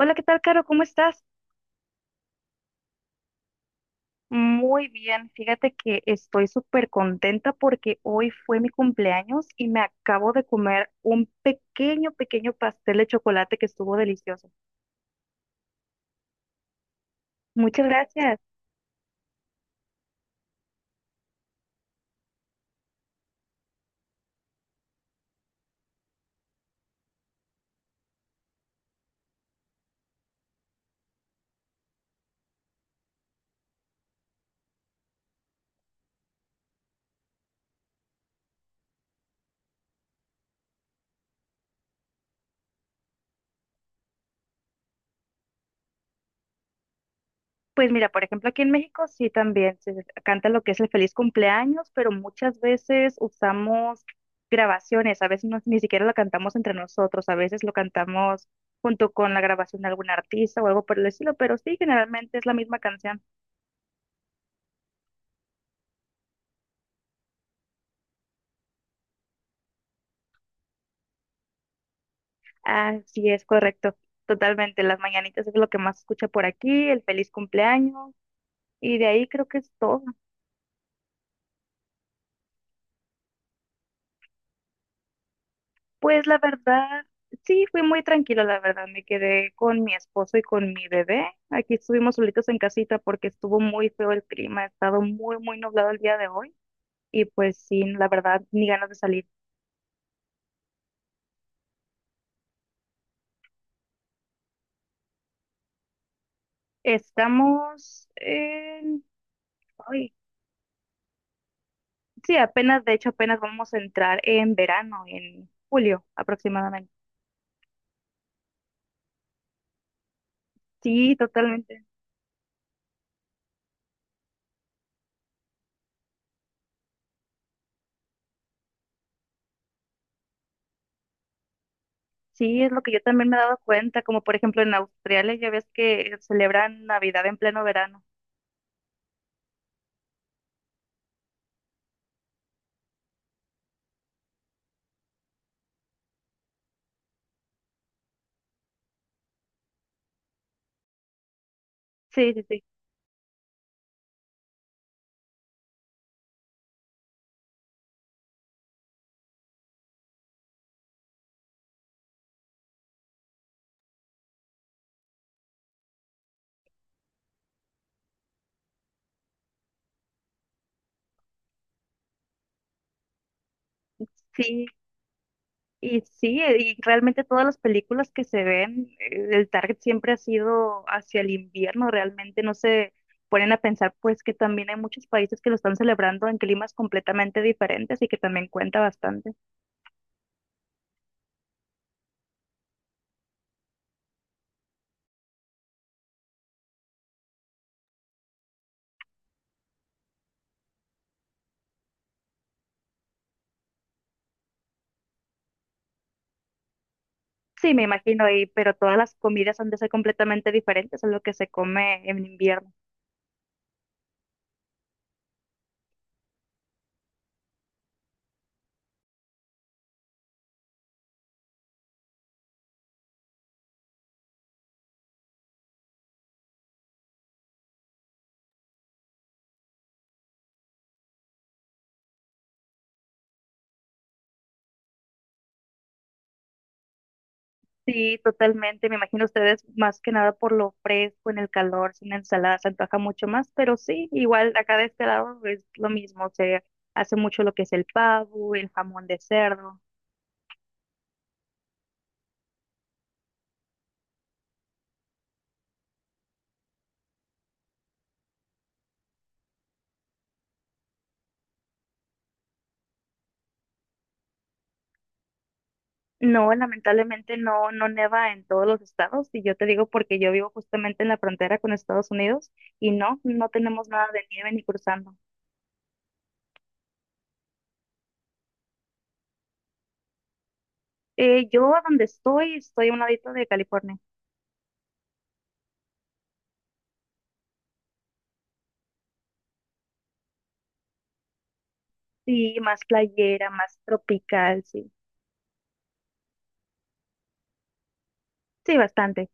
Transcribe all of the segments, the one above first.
Hola, ¿qué tal, Caro? ¿Cómo estás? Muy bien. Fíjate que estoy súper contenta porque hoy fue mi cumpleaños y me acabo de comer un pequeño, pequeño pastel de chocolate que estuvo delicioso. Muchas gracias. Pues mira, por ejemplo, aquí en México sí también se canta lo que es el feliz cumpleaños, pero muchas veces usamos grabaciones, a veces ni siquiera lo cantamos entre nosotros, a veces lo cantamos junto con la grabación de algún artista o algo por el estilo, pero sí, generalmente es la misma canción. Así es, correcto. Totalmente. Las mañanitas es lo que más escucha por aquí, el feliz cumpleaños. Y de ahí creo que es todo. Pues la verdad, sí, fui muy tranquilo, la verdad. Me quedé con mi esposo y con mi bebé. Aquí estuvimos solitos en casita porque estuvo muy feo el clima. Ha estado muy, muy nublado el día de hoy. Y pues sí, la verdad, ni ganas de salir. Estamos en... Ay, sí, apenas, de hecho, apenas vamos a entrar en verano, en julio aproximadamente. Sí, totalmente. Sí, es lo que yo también me he dado cuenta, como por ejemplo en Australia ya ves que celebran Navidad en pleno verano. Sí, sí, sí. Sí, y sí, y realmente todas las películas que se ven, el target siempre ha sido hacia el invierno, realmente no se ponen a pensar pues que también hay muchos países que lo están celebrando en climas completamente diferentes y que también cuenta bastante. Sí, me imagino, y pero todas las comidas han de ser completamente diferentes a lo que se come en invierno. Sí, totalmente. Me imagino ustedes más que nada por lo fresco, en el calor, sin ensalada, se antoja mucho más, pero sí, igual acá de este lado es lo mismo. Se hace mucho lo que es el pavo, el jamón de cerdo. No, lamentablemente no, no neva en todos los estados, y yo te digo porque yo vivo justamente en la frontera con Estados Unidos y no, no tenemos nada de nieve ni cruzando. Yo a donde estoy, estoy a un ladito de California. Sí, más playera, más tropical, sí. Sí, bastante.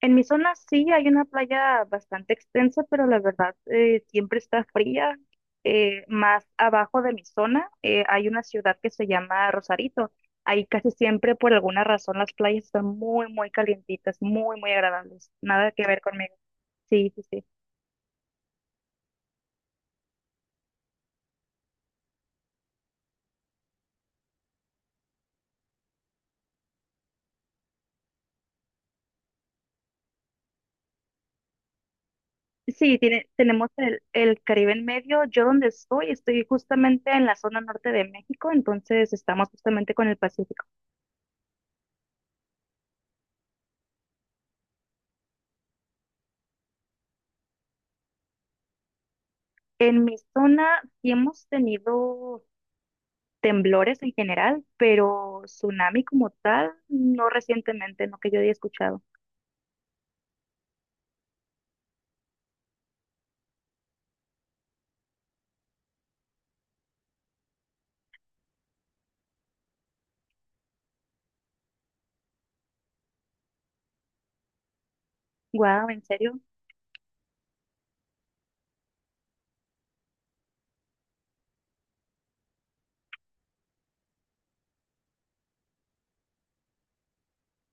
En mi zona sí hay una playa bastante extensa, pero la verdad siempre está fría. Más abajo de mi zona hay una ciudad que se llama Rosarito. Ahí casi siempre, por alguna razón, las playas están muy, muy calientitas, muy, muy agradables. Nada que ver conmigo. Sí, sí, sí. Sí, tiene, tenemos el Caribe en medio. Yo donde estoy, estoy justamente en la zona norte de México, entonces estamos justamente con el Pacífico. En mi zona sí hemos tenido temblores en general, pero tsunami como tal, no recientemente, no que yo haya escuchado. Guau, ¿en serio?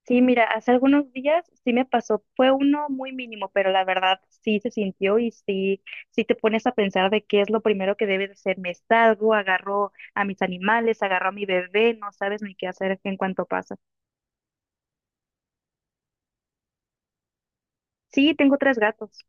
Sí, mira, hace algunos días sí me pasó, fue uno muy mínimo, pero la verdad sí se sintió y sí, sí te pones a pensar de qué es lo primero que debes hacer. Me salgo, agarro a mis animales, agarro a mi bebé, no sabes ni qué hacer en cuanto pasa. Sí, tengo tres gatos.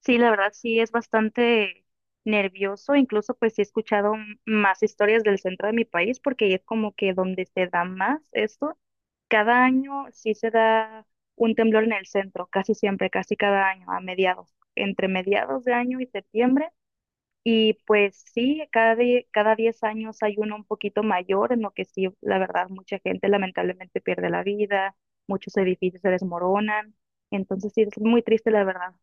Sí, la verdad sí es bastante nervioso, incluso pues sí he escuchado más historias del centro de mi país porque es como que donde se da más esto. Cada año sí se da un temblor en el centro, casi siempre, casi cada año, a mediados, entre mediados de año y septiembre. Y pues sí, cada, cada 10 años hay uno un poquito mayor en lo que sí, la verdad, mucha gente lamentablemente pierde la vida, muchos edificios se desmoronan. Entonces sí, es muy triste, la verdad.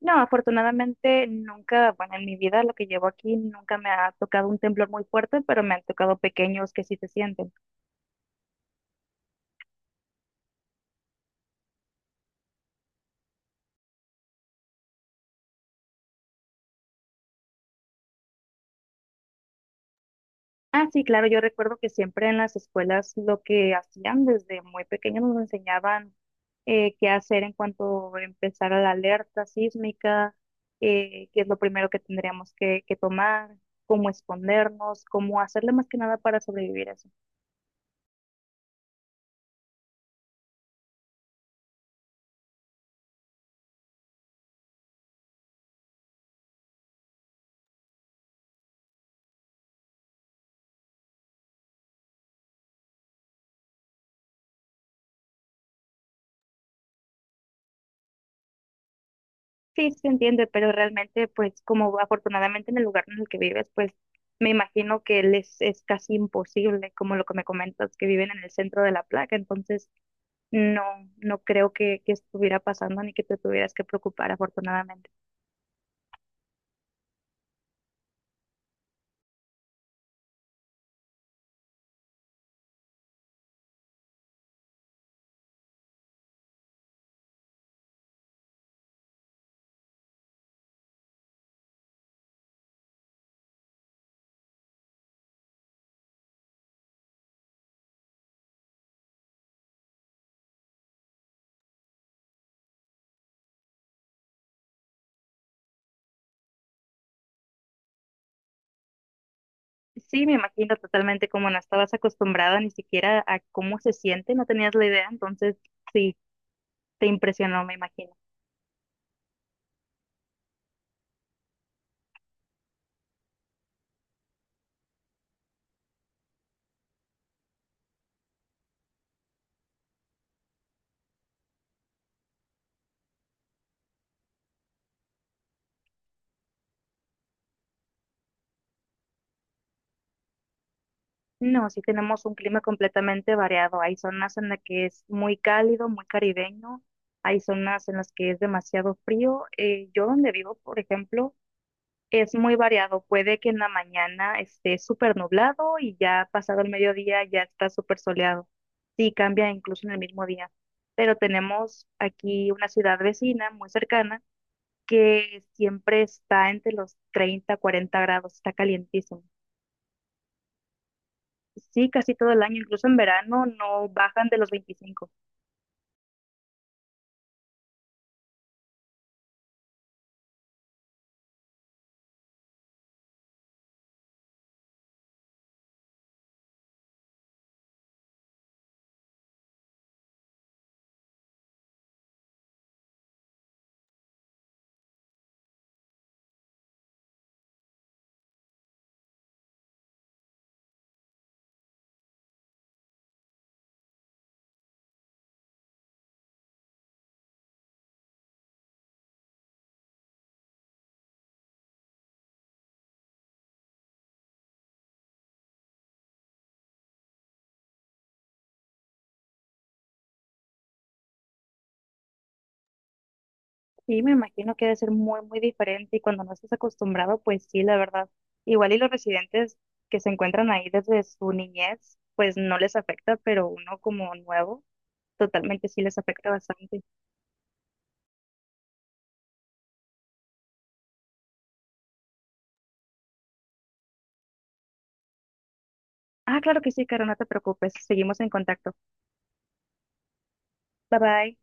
No, afortunadamente nunca, bueno, en mi vida, lo que llevo aquí, nunca me ha tocado un temblor muy fuerte, pero me han tocado pequeños que sí se sienten. Ah, sí, claro, yo recuerdo que siempre en las escuelas lo que hacían desde muy pequeños nos enseñaban qué hacer en cuanto empezara la alerta sísmica, qué es lo primero que tendríamos que, tomar, cómo escondernos, cómo hacerle más que nada para sobrevivir eso. Sí, sí se entiende, pero realmente, pues, como afortunadamente en el lugar en el que vives, pues, me imagino que les es casi imposible, como lo que me comentas, que viven en el centro de la placa, entonces no, no creo que, estuviera pasando ni que te tuvieras que preocupar, afortunadamente. Sí, me imagino totalmente, como no estabas acostumbrada ni siquiera a cómo se siente, no tenías la idea, entonces sí, te impresionó, me imagino. No, sí tenemos un clima completamente variado. Hay zonas en las que es muy cálido, muy caribeño. Hay zonas en las que es demasiado frío. Yo donde vivo, por ejemplo, es muy variado. Puede que en la mañana esté súper nublado y ya pasado el mediodía ya está súper soleado. Sí, cambia incluso en el mismo día. Pero tenemos aquí una ciudad vecina muy cercana que siempre está entre los 30, 40 grados. Está calientísimo. Sí, casi todo el año, incluso en verano no bajan de los 25. Y me imagino que debe ser muy, muy diferente y cuando no estás acostumbrado, pues sí, la verdad. Igual y los residentes que se encuentran ahí desde su niñez, pues no les afecta, pero uno como nuevo, totalmente sí les afecta bastante. Ah, claro que sí, Caro, no te preocupes, seguimos en contacto. Bye bye.